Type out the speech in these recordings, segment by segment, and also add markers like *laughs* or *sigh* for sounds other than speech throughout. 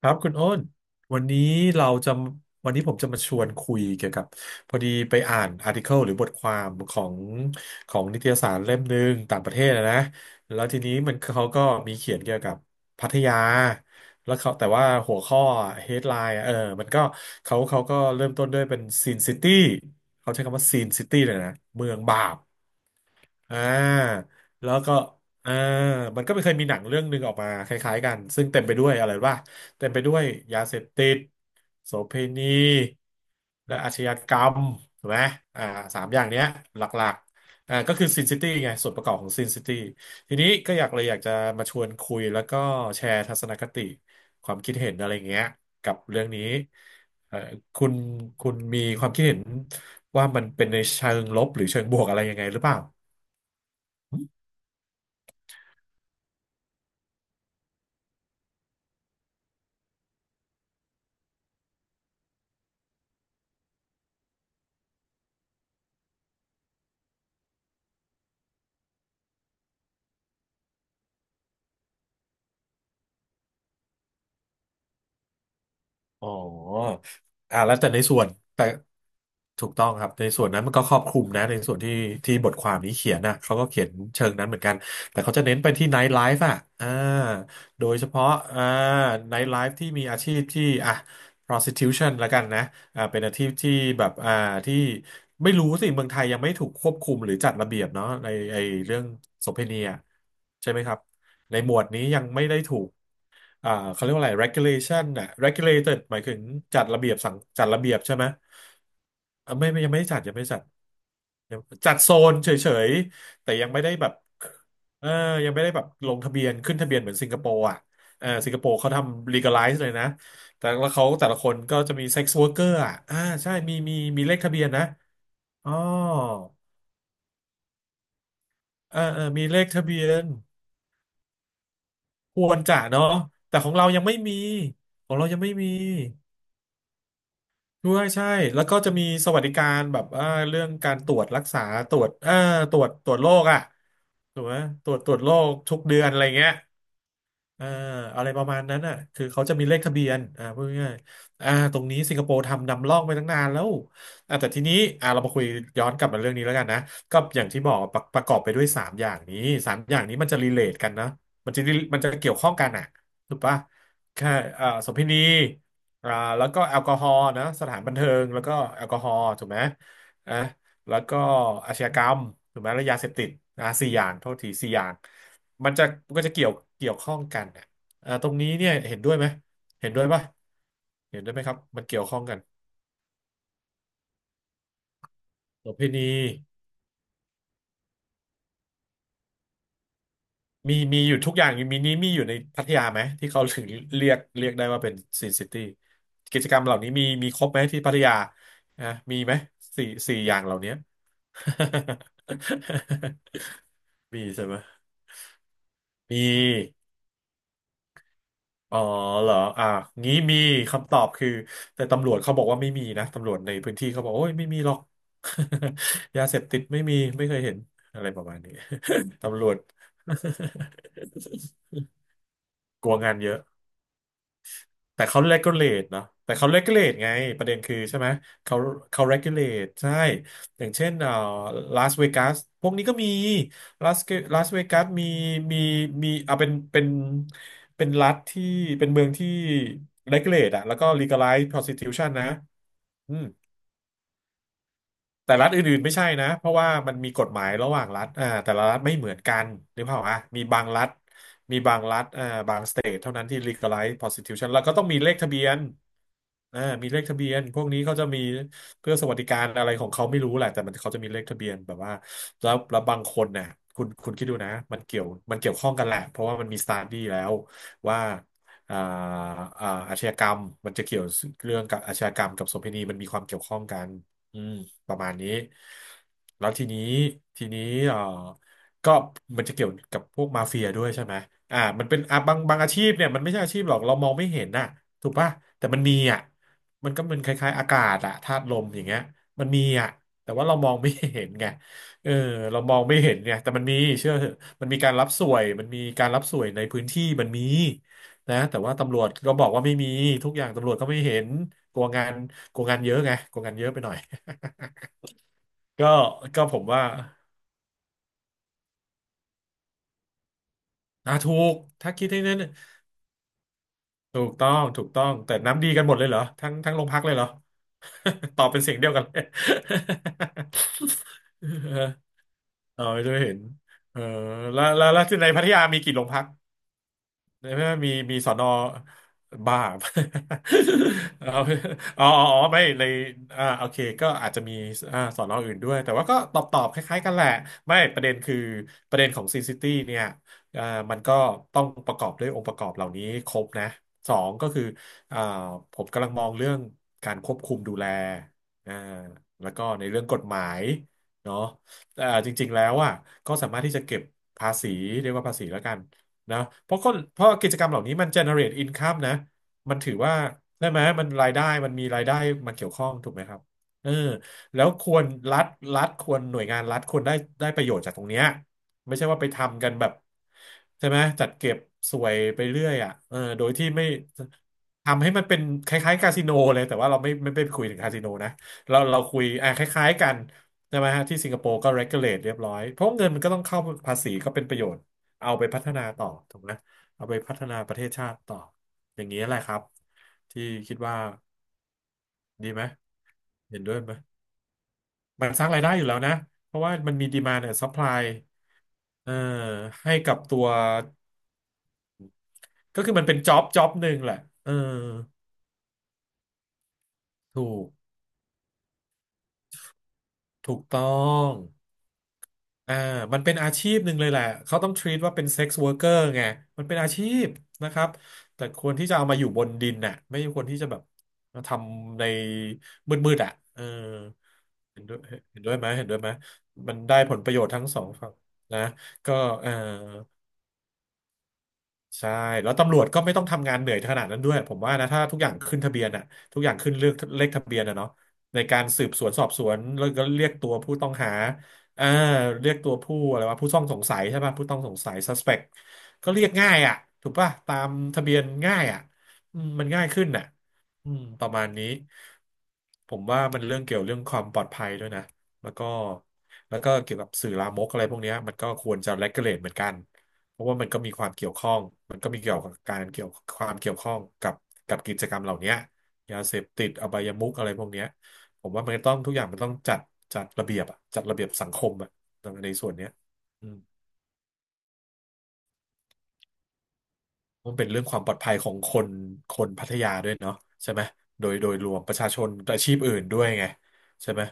ครับคุณโอ้นวันนี้เราจะวันนี้ผมจะมาชวนคุยเกี่ยวกับพอดีไปอ่านอาร์ติเคิลหรือบทความของของนิตยสารเล่มหนึ่งต่างประเทศนะนะแล้วทีนี้มันเขาก็มีเขียนเกี่ยวกับพัทยาแล้วเขาแต่ว่าหัวข้อ headline อะมันก็เขาเขาก็เริ่มต้นด้วยเป็นซีนซิตี้เขาใช้คำว่าซีนซิตี้เลยนะเมืองบาป อ่าแล้วก็อ่ามันก็ไม่เคยมีหนังเรื่องหนึ่งออกมาคล้ายๆกันซึ่งเต็มไปด้วยอะไรว่าเต็มไปด้วยยาเสพติดโสเภณีและอาชญากรรมถูกไหมอ่าสามอย่างเนี้ยหลักๆก็คือซินซิตี้ไงส่วนประกอบของซินซิตี้ทีนี้ก็อยากเลยอยากจะมาชวนคุยแล้วก็แชร์ทัศนคติความคิดเห็นอะไรเงี้ยกับเรื่องนี้เอ่อคุณคุณมีความคิดเห็นว่ามันเป็นในเชิงลบหรือเชิงบวกอะไรยังไงหรือเปล่า อ๋อแล้วแต่ในส่วนแต่ถูกต้องครับในส่วนนั้นมันก็ครอบคลุมนะในส่วนที่ที่บทความนี้เขียนนะเขาก็เขียนเชิงนั้นเหมือนกันแต่เขาจะเน้นไปที่ไนท์ไลฟ์อ่ะอ่าโดยเฉพาะอ่าไนท์ไลฟ์ที่มีอาชีพที่อ่ะ prostitution ละกันนะเป็นอาชีพที่แบบที่ไม่รู้สิเมืองไทยยังไม่ถูกควบคุมหรือจัดระเบียบเนาะในไอเรื่องโสเภณีอะใช่ไหมครับในหมวดนี้ยังไม่ได้ถูก เขาเรียกว่าอะไร regulation น่ะ regulated หมายถึงจัดระเบียบสังจัดระเบียบใช่ไหมอ่ะไม่ยังไม่ได้จัดยังไม่ได้จัดยังจัดโซนเฉยๆแต่ยังไม่ได้แบบเออยังไม่ได้แบบลงทะเบียนขึ้นทะเบียนเหมือนสิงคโปร์อ่ะเออสิงคโปร์เขาทำ legalize เลยนะแต่แล้วเขาแต่ละคนก็จะมี sex worker อ่ะใช่มีเลขทะเบียนนะอ๋อเออมีเลขทะเบียนควรจะเนาะแต่ของเรายังไม่มีของเรายังไม่มี ด้วยใช่ แล้วก็จะมีสวัสดิการแบบเรื่องการตรวจรักษาตรวจตรวจโรคอ่ะถูกไหมตรวจโรคทุกเดือนอะไรเงี้ย อ่าอะไรประมาณนั้นอ่ะคือเขาจะมีเลขทะเบียนพูดง่ายๆตรงนี้สิงคโปร์ทำนำร่องไปตั้งนานแล้วแต่ทีนี้เรามาคุยย้อนกลับมาเรื่องนี้แล้วกันนะก็อย่างที่บอกประประกอบไปด้วยสามอย่างนี้สามอย่างนี้มันจะรีเลทกันนะมันจะ มันจะเกี่ยวข้องกันอ่ะถูกปะแค่โสมพินีอ่าแล้วก็แอลกอฮอล์นะสถานบันเทิงแล้วก็แอลกอฮอล์ถูกไหมอ่ะแล้วก็อาชญากรรมถูกไหมแล้วยาเสพติดสี่อย่างโทษทีสี่อย่าง มันก็จะเกี่ยวข้องกันอ่ะตรงนี้เนี่ยเห็นด้วยไหมเห็นด้วยป่ะเห็นด้วยไหมครับมันเกี่ยวข้องกันโสเภณีมีอยู่ทุกอย่าง มีนี้มีอยู่ในพัทยาไหมที่เขาถึงเรียกได้ว่าเป็นซีนซิตี้กิจกรรมเหล่านี้มีครบไหมที่พัทยานะมีไหมสี่สี่อย่างเหล่านี้ *laughs* มีใช่ไหมมี อ๋อเหรออ่ะงี้มีคำตอบคือแต่ตำรวจเขาบอกว่าไม่มีนะตำรวจในพื้นที่เขาบอกโอ้ยไม่มีหรอก *laughs* ยาเสพติดไม่มีไม่เคยเห็นอะไรประมาณนี้ *laughs* ตำรวจ *laughs* กลัวงานเยอะ แต่เขา regulate เนาะแต่เขา regulate ไงประเด็นคือใช่ไหมเขาเขา regulate ใช่อย่างเช่นลาสเวกัสพวกนี้ก็มีลาสลาสเวกัสมีมีมีเอาเป็นเป็นรัฐที่เป็นเมืองที่ regulate อะแล้วก็ legalize prostitution นะอืม แต่รัฐอื่นๆไม่ใช่นะเพราะว่ามันมีกฎหมายระหว่างรัฐอ่าแต่ละรัฐไม่เหมือนกันหรือเปล่าอ่ะมีบางรัฐมีบางรัฐบางสเตทเท่านั้นที่ legalize prostitution แล้วก็ต้องมีเลขทะเบียนมีเลขทะเบียนพวกนี้เขาจะมีเพื่อสวัสดิการอะไรของเขาไม่รู้แหละแต่มันเขาจะมีเลขทะเบียนแบบว่าแล้วบางคนเนี่ยคุณคิดดูนะมันเกี่ยวมันเกี่ยวข้องกันแหละเพราะว่ามันมีสตาร์ดี้แล้วว่าอ่าอาชญากรรมมันจะเกี่ยวเรื่องกับอาชญากรรมกับโสเภณีมันมีความเกี่ยวข้องกัน อืมประมาณนี้แล้วทีนี้ทีนี้เอ่อก็มันจะเกี่ยวกับพวกมาเฟียด้วยใช่ไหมมันเป็นอ่ะบางอาชีพเนี่ยมันไม่ใช่อาชีพหรอกเรามองไม่เห็นน่ะถูกป่ะแต่มันมีอ่ะมันก็เป็นคล้ายๆอากาศอะธาตุลมอย่างเงี้ยมันมีอ่ะแต่ว่าเรามองไม่เห็นไงเออเรามองไม่เห็นเนี่ยแต่มันมีเชื่อเถอะมันมีการรับสวยมันมีการรับสวยในพื้นที่มันมีนะแต่ว่าตำรวจก็บอกว่าไม่มีทุกอย่างตำรวจก็ไม่เห็นกลัวงานกลัวงานเยอะไงกลัวงานเยอะไปหน่อย ก็ผมว่าอ่ะถูกถ้าคิดให้นั้นถูกต้องถูกต้องแต่น้ำดีกันหมดเลยเหรอทั้งโรงพักเลยเหรอ *laughs* ตอบเป็นเสียงเดียวกัน *laughs* เลย *laughs* เออเอาให้ด้วยเห็นเออแล้วในพัทยามีกี่โรงพัก ในเมื่อมีสอนอบ้า *laughs* เอาอ๋อไม่ในโอเคก็อาจจะมีสอนออื่นด้วยแต่ว่าก็ตอบคล้ายๆกันแหละไม่ประเด็นคือประเด็นของซีซิตี้เนี่ยอ่ามันก็ต้องประกอบด้วยองค์ประกอบเหล่านี้ครบนะสองก็คืออ่าผมกำลังมองเรื่องการควบคุมดูแลอ่าแล้วก็ในเรื่องกฎหมายเนาะแต่จริงๆแล้วอ่ะก็สามารถที่จะเก็บภาษีเรียกว่าภาษีแล้วกัน นะเพราะกิจกรรมเหล่านี้มัน generate income นะมันถือว่าได้ไหมมันรายได้มันมีรายได้มาเกี่ยวข้องถูกไหมครับเออแล้วควรรัฐรัฐควรหน่วยงานรัฐควรได้ได้ประโยชน์จากตรงเนี้ยไม่ใช่ว่าไปทำกันแบบใช่ไหมจัดเก็บสวยไปเรื่อยอ่ะเออโดยที่ไม่ทำให้มันเป็นคล้ายๆคาสิโนเลยแต่ว่าเราไม่ไปคุยถึงคาสิโนนะเราคุยอ่ะคล้ายๆกันใช่ไหมฮะที่สิงคโปร์ก็ regulate เรียบร้อยเพราะเงินมันก็ต้องเข้าภาษีก็เป็นประโยชน์ เอาไปพัฒนาต่อถูกไหมเอาไปพัฒนาประเทศชาติต่ออย่างนี้ยแหละครับที่คิดว่าดีไหมเห็นด้วยไหมมันสร้างรายได้อยู่แล้วนะเพราะว่ามันมีดีมาเนี่ยซัพพลายเอ่อให้กับตัวก็คือมันเป็นจ็อบหนึ่งแหละเออถูกถูกต้อง อ่ามันเป็นอาชีพหนึ่งเลยแหละเขาต้อง treat ว่าเป็น sex worker ไงมันเป็นอาชีพนะครับแต่ควรที่จะเอามาอยู่บนดินน่ะไม่ควรที่จะแบบมาทำในมืดๆอ่ะเออเห็นด้วยเห็นด้วยไหมเห็นด้วยไหมมันได้ผลประโยชน์ทั้งสองฝั่งนะก็เออ ใช่แล้วตำรวจก็ไม่ต้องทำงานเหนื่อยขนาดนั้นด้วยผมว่านะถ้าทุกอย่างขึ้นทะเบียนอะทุกอย่างขึ้นเรือกเลขทะเบียนอะเนาะในการสืบสวนสอบสวนแล้วก็เรียกตัวผู้ต้องหาอ่าเรียกตัวผู้อะไรวะผู้ต้องสงสัยใช่ป่ะผู้ต้องสงสัย suspect ก็เรียกง่ายอะถูกป่ะตามทะเบียนง่ายอะอืมมันง่ายขึ้นอ่ะประมาณนี้ผมว่ามันเรื่องเกี่ยวเรื่องความปลอดภัยด้วยนะแล้วก็เกี่ยวกับสื่อลามกอะไรพวกเนี้ยมันก็ควรจะ regulate เหมือนกัน เพราะว่ามันก็มีความเกี่ยวข้อง มันก็มีเกี่ยวกับการเกี่ยวความเกี่ยวข้องกับกิจกรรมเหล่านี้ยาเสพติดอบายมุขอะไรพวกเนี้ยผมว่ามันต้องทุกอย่างมันต้องจัดจัดระเบียบอะจัดระเบียบสังคมอะในส่วนเนี้ยอืมมันเป็นเรื่องความปลอดภัยของคนคนพัทยาด้วยเนาะใช่ไหมโดยรวมประชาชนอาชีพอื่นด้วยไงใช่ไหม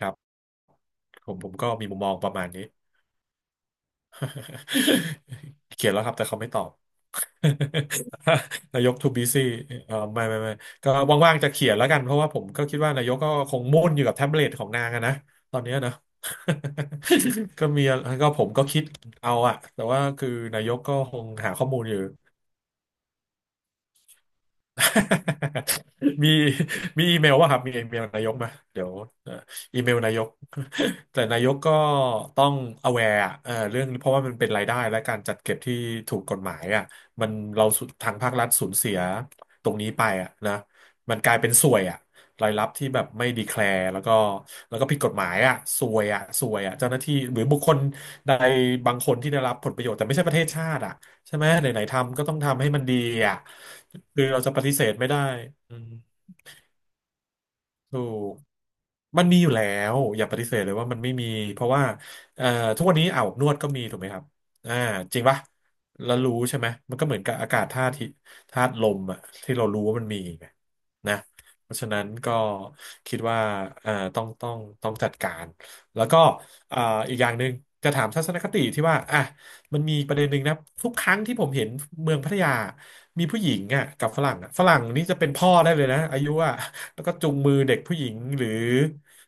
ครับผมก็มีมุมมองประมาณนี้ *laughs* เขียนแล้วครับแต่เขาไม่ตอบ *laughs* นายก too busy เออไม่ก็ว่างๆจะเขียนแล้วกันเพราะว่าผมก็คิดว่านายกก็คงมุ่นอยู่กับแท็บเล็ตของนางอะนะตอนเนี้ยนะ *laughs* ก็มีผมก็คิดเอาอะแต่ว่าคือนายกก็คงหาข้อมูลอยู่ มีมีอีเมลว่าครับมีอีเมลนายกมาเดี๋ยวเอ่ออีเมลนายก *laughs* แต่นายกก็ต้อง aware อะเอ่อเรื่องเพราะว่ามันเป็นรายได้และการจัดเก็บที่ถูกกฎหมายอ่ะมันเราสุทางภาครัฐสูญเสียตรงนี้ไปอ่ะนะมันกลายเป็นส่วยอ่ะรายรับที่แบบไม่ดีแคลร์แล้วก็แล้วก็ผิดกฎหมายอ่ะส่วยอ่ะส่วยอ่ะเจ้าหน้าที่หรือบุคคลใดบางคนที่ได้รับผลประโยชน์แต่ไม่ใช่ประเทศชาติอ่ะ ใช่ไหมไหนๆทำก็ต้องทำให้มันดีอ่ะคือเราจะปฏิเสธไม่ได้อืม ถูกมันมีอยู่แล้วอย่าปฏิเสธเลยว่ามันไม่มีเพราะว่าเอ่อทุกวันนี้อาบอบนวดก็มีถูกไหมครับอ่าจริงปะแล้วรู้ใช่ไหมมันก็เหมือนกับอากาศธาตุที่ธาตุลมอะที่เรารู้ว่ามันมีไงนะเพราะฉะนั้นก็คิดว่าเอ่อต้องต้องต้องจัดการแล้วก็อ่าอีกอย่างหนึ่งจะถามทัศนคติที่ว่าอ่ะมันมีประเด็นหนึ่งนะทุกครั้งที่ผมเห็นเมืองพัทยามีผู้หญิงอ่ะกับฝรั่งอะฝรั่งนี่จะเป็นพ่อได้เลยนะอายุอ่ะ แล้วก็จูงมือเด็กผู้หญิงหรือ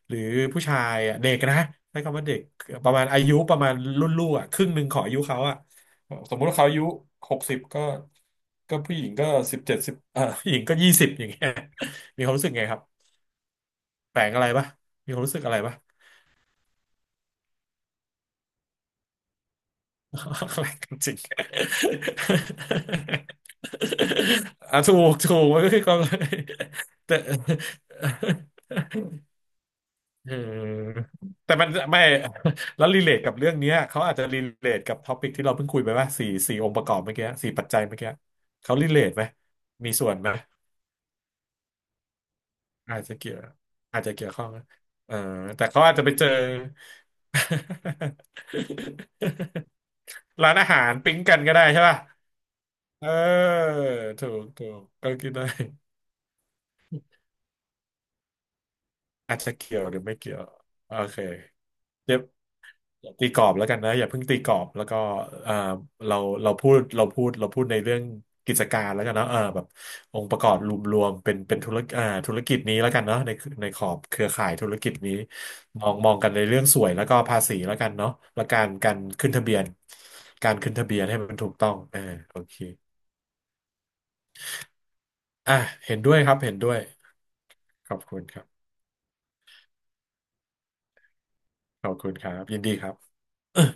หรือผู้ชายอ่ะเด็กนะใช้คำว่าเด็กประมาณอายุประมาณรุ่นลูกอ่ะครึ่งหนึ่งของอายุเขาอ่ะสมมุติว่าเขาอายุ60ก็ก็ผู้หญิงก็17สิบเอ่อผู้หญิงก็20อย่างเงี้ยมีความรู้สึกไงครับแปลงอะไรปะมีความรู้สึกอะไรปะ *laughs* แปลกจริง *laughs* อ่ะถูกถูกมันก็คือความ *laughs* แต่ เออแต่มันไม่ *laughs* แล้วรีเลทกับเรื่องเนี้ยเขาอาจจะรีเลทกับท็อปิกที่เราเพิ่งคุยไปว่าสี่องค์ประกอบเมื่อกี้สี่ปัจจัยเมื่อกี้เขารีเลทไหมมีส่วนไหมอาจจะเกี่ยวอาจจะเกี่ยวข้องนะเออแต่เขาอาจจะไปเจอ *laughs* ร้านอาหารปิ๊งกันก็ได้ใช่ป่ะเออถูกถูกก็คิดได้อาจจะเกี่ยวหรือไม่เกี่ยวโอเค อย่าตีกรอบแล้วกันนะอย่าเพิ่งตีกรอบแล้วก็เอ่อเราเราพูดเราพูดเราพูดในเรื่องกิจการแล้วกันเนาะเออแบบองค์ประกอบรวมๆเป็นธุรกิจอ่าธุรกิจนี้แล้วกันเนาะในขอบเครือข่ายธุรกิจนี้มองกันในเรื่องสวยแล้วก็ภาษีแล้วกันเนาะและการขึ้นทะเบียนการขึ้นทะเบียนให้มันถูกต้องเออโอเคอ่ะเห็นด้วยครับเห็นด้วยขอบคุณครับขอบคุณครับยินดีครับ